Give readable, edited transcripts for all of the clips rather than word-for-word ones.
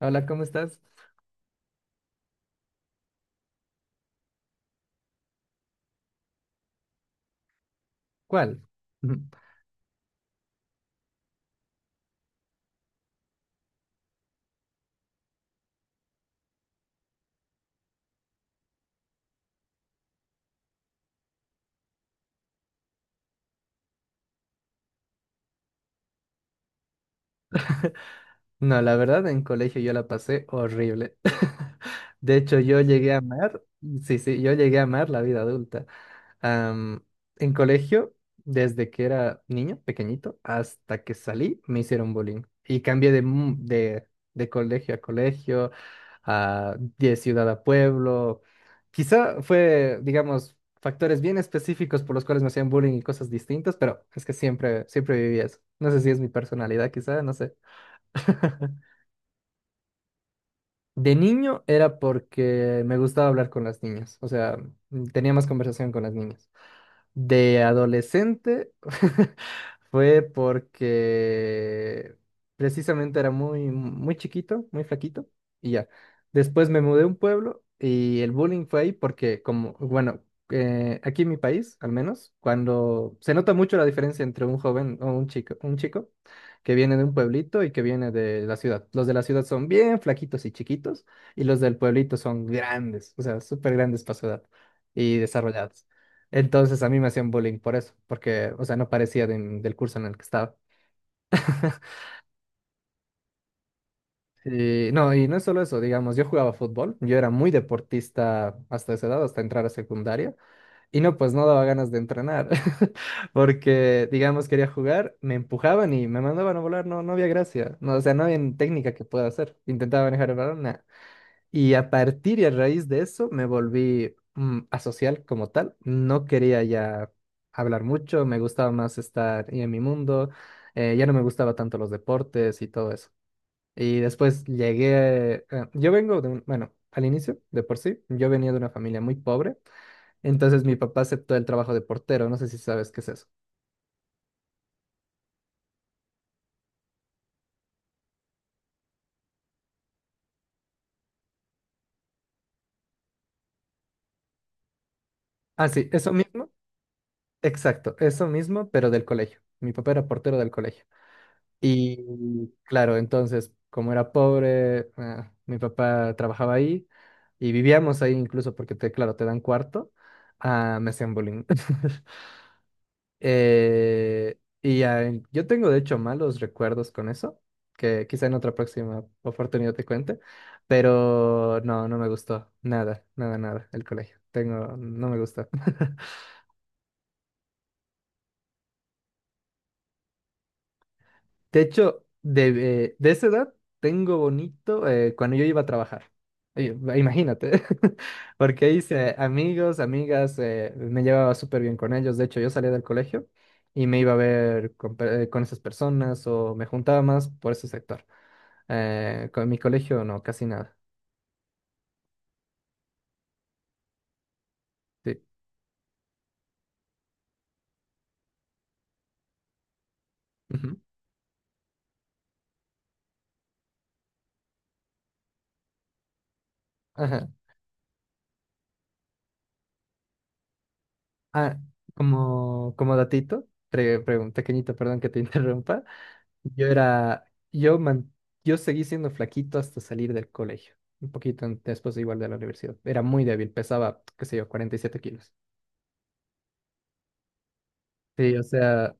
Hola, ¿cómo estás? ¿Cuál? No, la verdad, en colegio yo la pasé horrible. De hecho, yo llegué a amar, sí, sí, yo llegué a amar la vida adulta. Am, en colegio, desde que era niño, pequeñito, hasta que salí, me hicieron bullying. Y cambié de colegio a colegio, a, de ciudad a pueblo. Quizá fue, digamos, factores bien específicos por los cuales me hacían bullying y cosas distintas, pero es que siempre, siempre viví eso. No sé si es mi personalidad, quizá, no sé. De niño era porque me gustaba hablar con las niñas, o sea, tenía más conversación con las niñas. De adolescente fue porque precisamente era muy, muy chiquito, muy flaquito y ya. Después me mudé a un pueblo y el bullying fue ahí porque como, bueno, aquí en mi país, al menos, cuando se nota mucho la diferencia entre un joven o un chico que viene de un pueblito y que viene de la ciudad. Los de la ciudad son bien flaquitos y chiquitos y los del pueblito son grandes, o sea, súper grandes para su edad y desarrollados. Entonces a mí me hacían bullying por eso, porque, o sea, no parecía del curso en el que estaba. Y no es solo eso, digamos, yo jugaba fútbol, yo era muy deportista hasta esa edad, hasta entrar a secundaria, y no, pues no daba ganas de entrenar, porque, digamos, quería jugar, me empujaban y me mandaban a volar, no, no había gracia, no, o sea, no había técnica que pueda hacer, intentaba manejar el balón, nah. Y a raíz de eso me volví asocial como tal. No quería ya hablar mucho, me gustaba más estar y en mi mundo, ya no me gustaba tanto los deportes y todo eso. Y después llegué, yo vengo de un, bueno, al inicio, de por sí, yo venía de una familia muy pobre, entonces mi papá aceptó el trabajo de portero, no sé si sabes qué es eso. Ah, sí, eso mismo, exacto, eso mismo, pero del colegio. Mi papá era portero del colegio. Y claro, entonces, como era pobre, ah, mi papá trabajaba ahí y vivíamos ahí incluso porque, te, claro, te dan cuarto, ah, me hacían bullying. Y ya, en- yo tengo de hecho malos recuerdos con eso, que quizá en otra próxima oportunidad te cuente, pero no, no me gustó, nada, nada, nada, el colegio. Tengo, no me gustó. De hecho, de esa edad tengo bonito cuando yo iba a trabajar. Oye, imagínate, porque hice amigos, amigas, me llevaba súper bien con ellos. De hecho, yo salía del colegio y me iba a ver con, con esas personas o me juntaba más por ese sector. Con mi colegio no, casi nada. Sí. Ujú. Ajá. Ah, como, como datito, pequeñito, perdón que te interrumpa. Yo era, yo, man- Yo seguí siendo flaquito hasta salir del colegio, un poquito después igual de la universidad. Era muy débil, pesaba, qué sé yo, 47 kilos. Sí, o sea,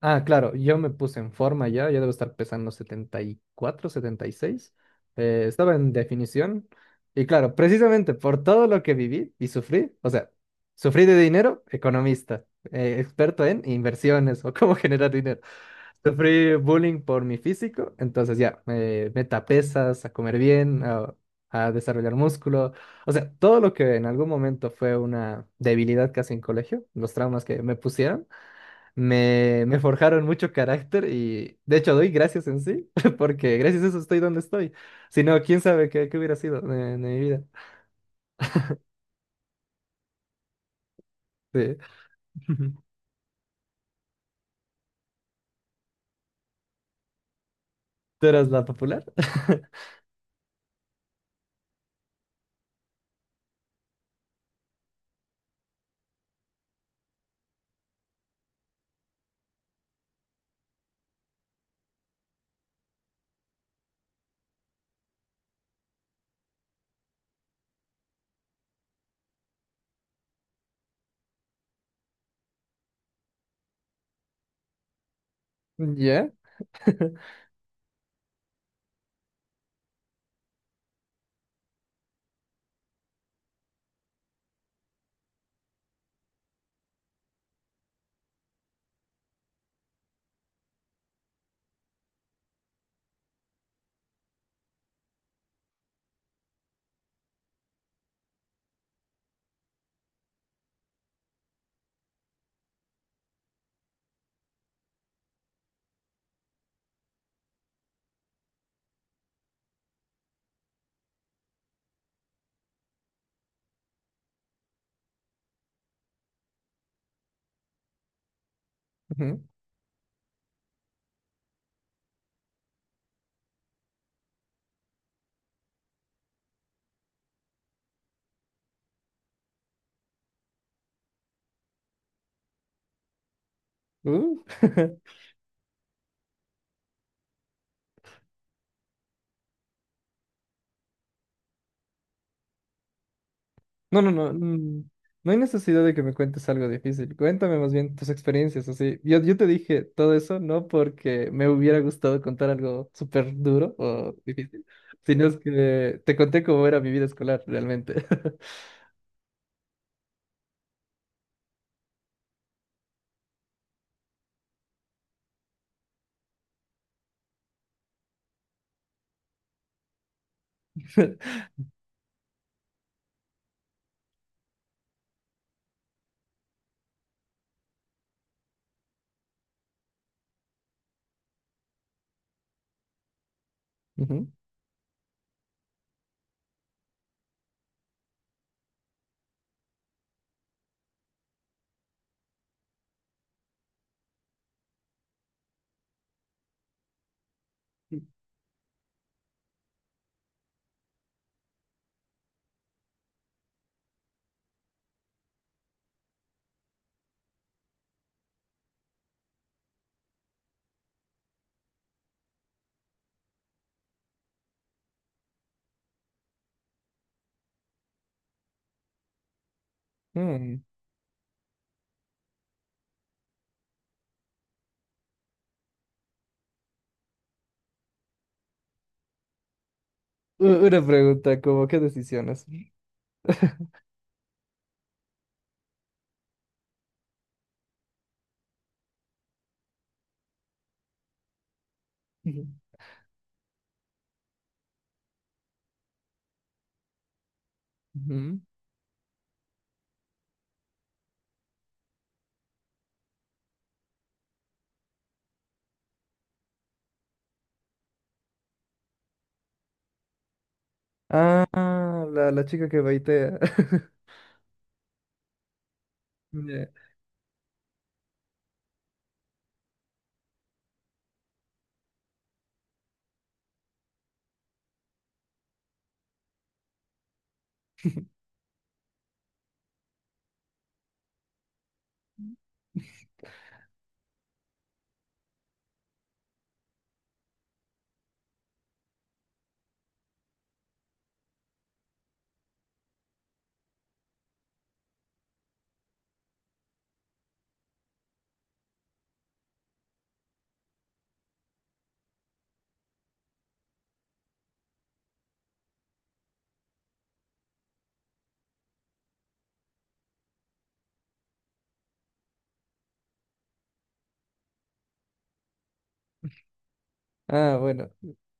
ah, claro, yo me puse en forma ya, yo debo estar pesando 74, 76. Estaba en definición y claro, precisamente por todo lo que viví y sufrí, o sea, sufrí de dinero, economista, experto en inversiones o cómo generar dinero. Sufrí bullying por mi físico, entonces ya, meta pesas, a comer bien, a desarrollar músculo. O sea, todo lo que en algún momento fue una debilidad casi en colegio, los traumas que me pusieron, me forjaron mucho carácter y de hecho doy gracias en sí, porque gracias a eso estoy donde estoy. Si no, quién sabe qué, qué hubiera sido de mi vida. Sí. ¿Tú eras la popular? ¿Ya? Ujú. Uh. No, no, no. No hay necesidad de que me cuentes algo difícil. Cuéntame más bien tus experiencias, así. Yo te dije todo eso no porque me hubiera gustado contar algo súper duro o difícil, sino es que te conté cómo era mi vida escolar realmente. Ujú. Mm. U- Una pregunta, como, ¿qué decisiones? Ujú. Ujú. Ah, la chica que baitea. Ya. Ah, bueno.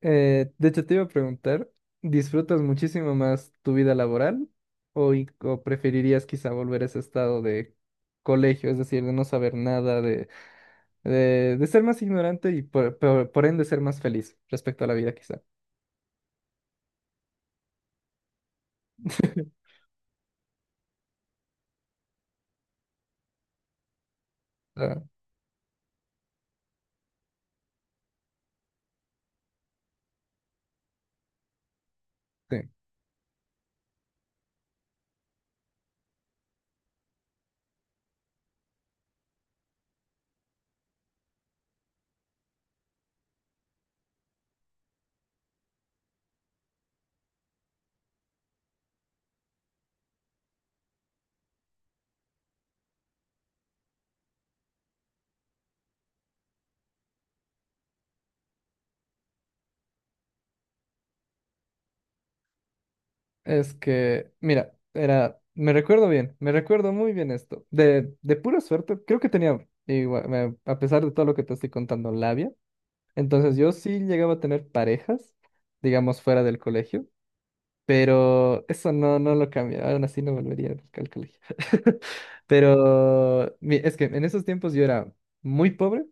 De hecho, te iba a preguntar, ¿disfrutas muchísimo más tu vida laboral o, o preferirías quizá volver a ese estado de colegio, es decir, de no saber nada, de ser más ignorante y por ende ser más feliz respecto a la vida quizá? Ah, sí. Es que, mira, era, me recuerdo bien, me recuerdo muy bien esto. De pura suerte, creo que tenía, igual, a pesar de todo lo que te estoy contando, labia. Entonces yo sí llegaba a tener parejas, digamos, fuera del colegio, pero eso no, no lo cambia. Aún así no volvería al colegio. Pero es que en esos tiempos yo era muy pobre,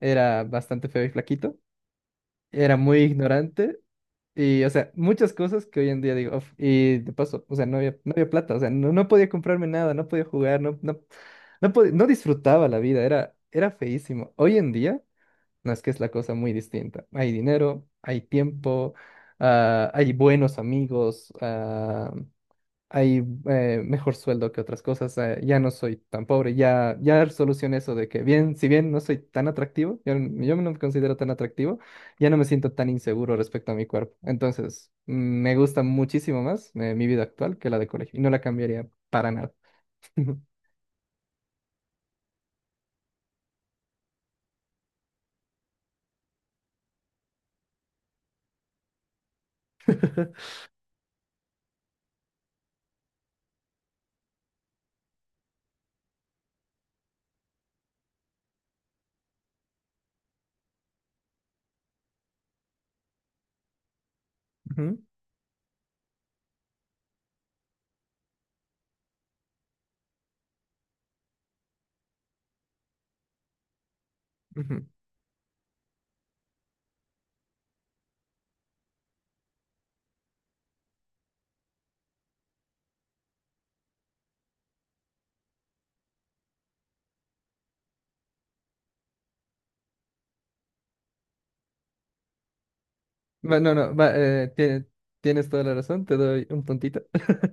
era bastante feo y flaquito, era muy ignorante y, o sea, muchas cosas que hoy en día digo, "Uf", y de paso, o sea, no había, no había plata, o sea, no, no podía comprarme nada, no podía jugar, no, no, no, no disfrutaba la vida, era, era feísimo. Hoy en día... No es que es la cosa muy distinta. Hay dinero, hay tiempo, ah, hay buenos amigos, ah, hay mejor sueldo que otras cosas. Ya no soy tan pobre, ya, ya solucioné eso de que bien, si bien no soy tan atractivo, yo, yo no me considero tan atractivo, ya no me siento tan inseguro respecto a mi cuerpo. Entonces, me gusta muchísimo más mi vida actual que la de colegio y no la cambiaría para nada. Ujú, ujú. Va, no, no, va, tienes toda la razón, te doy un puntito.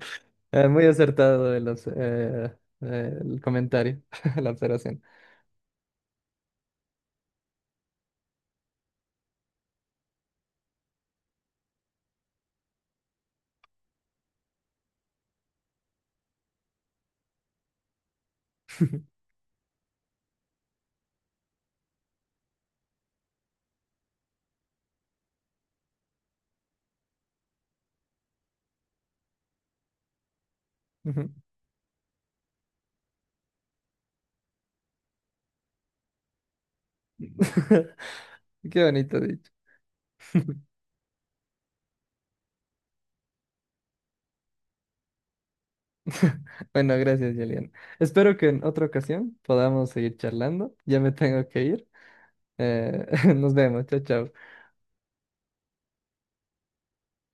Muy acertado el, el comentario, la observación. Ujú. Qué bonito dicho. Bueno, gracias, Julián. Espero que en otra ocasión podamos seguir charlando. Ya me tengo que ir. Eh, nos vemos, chao, chao.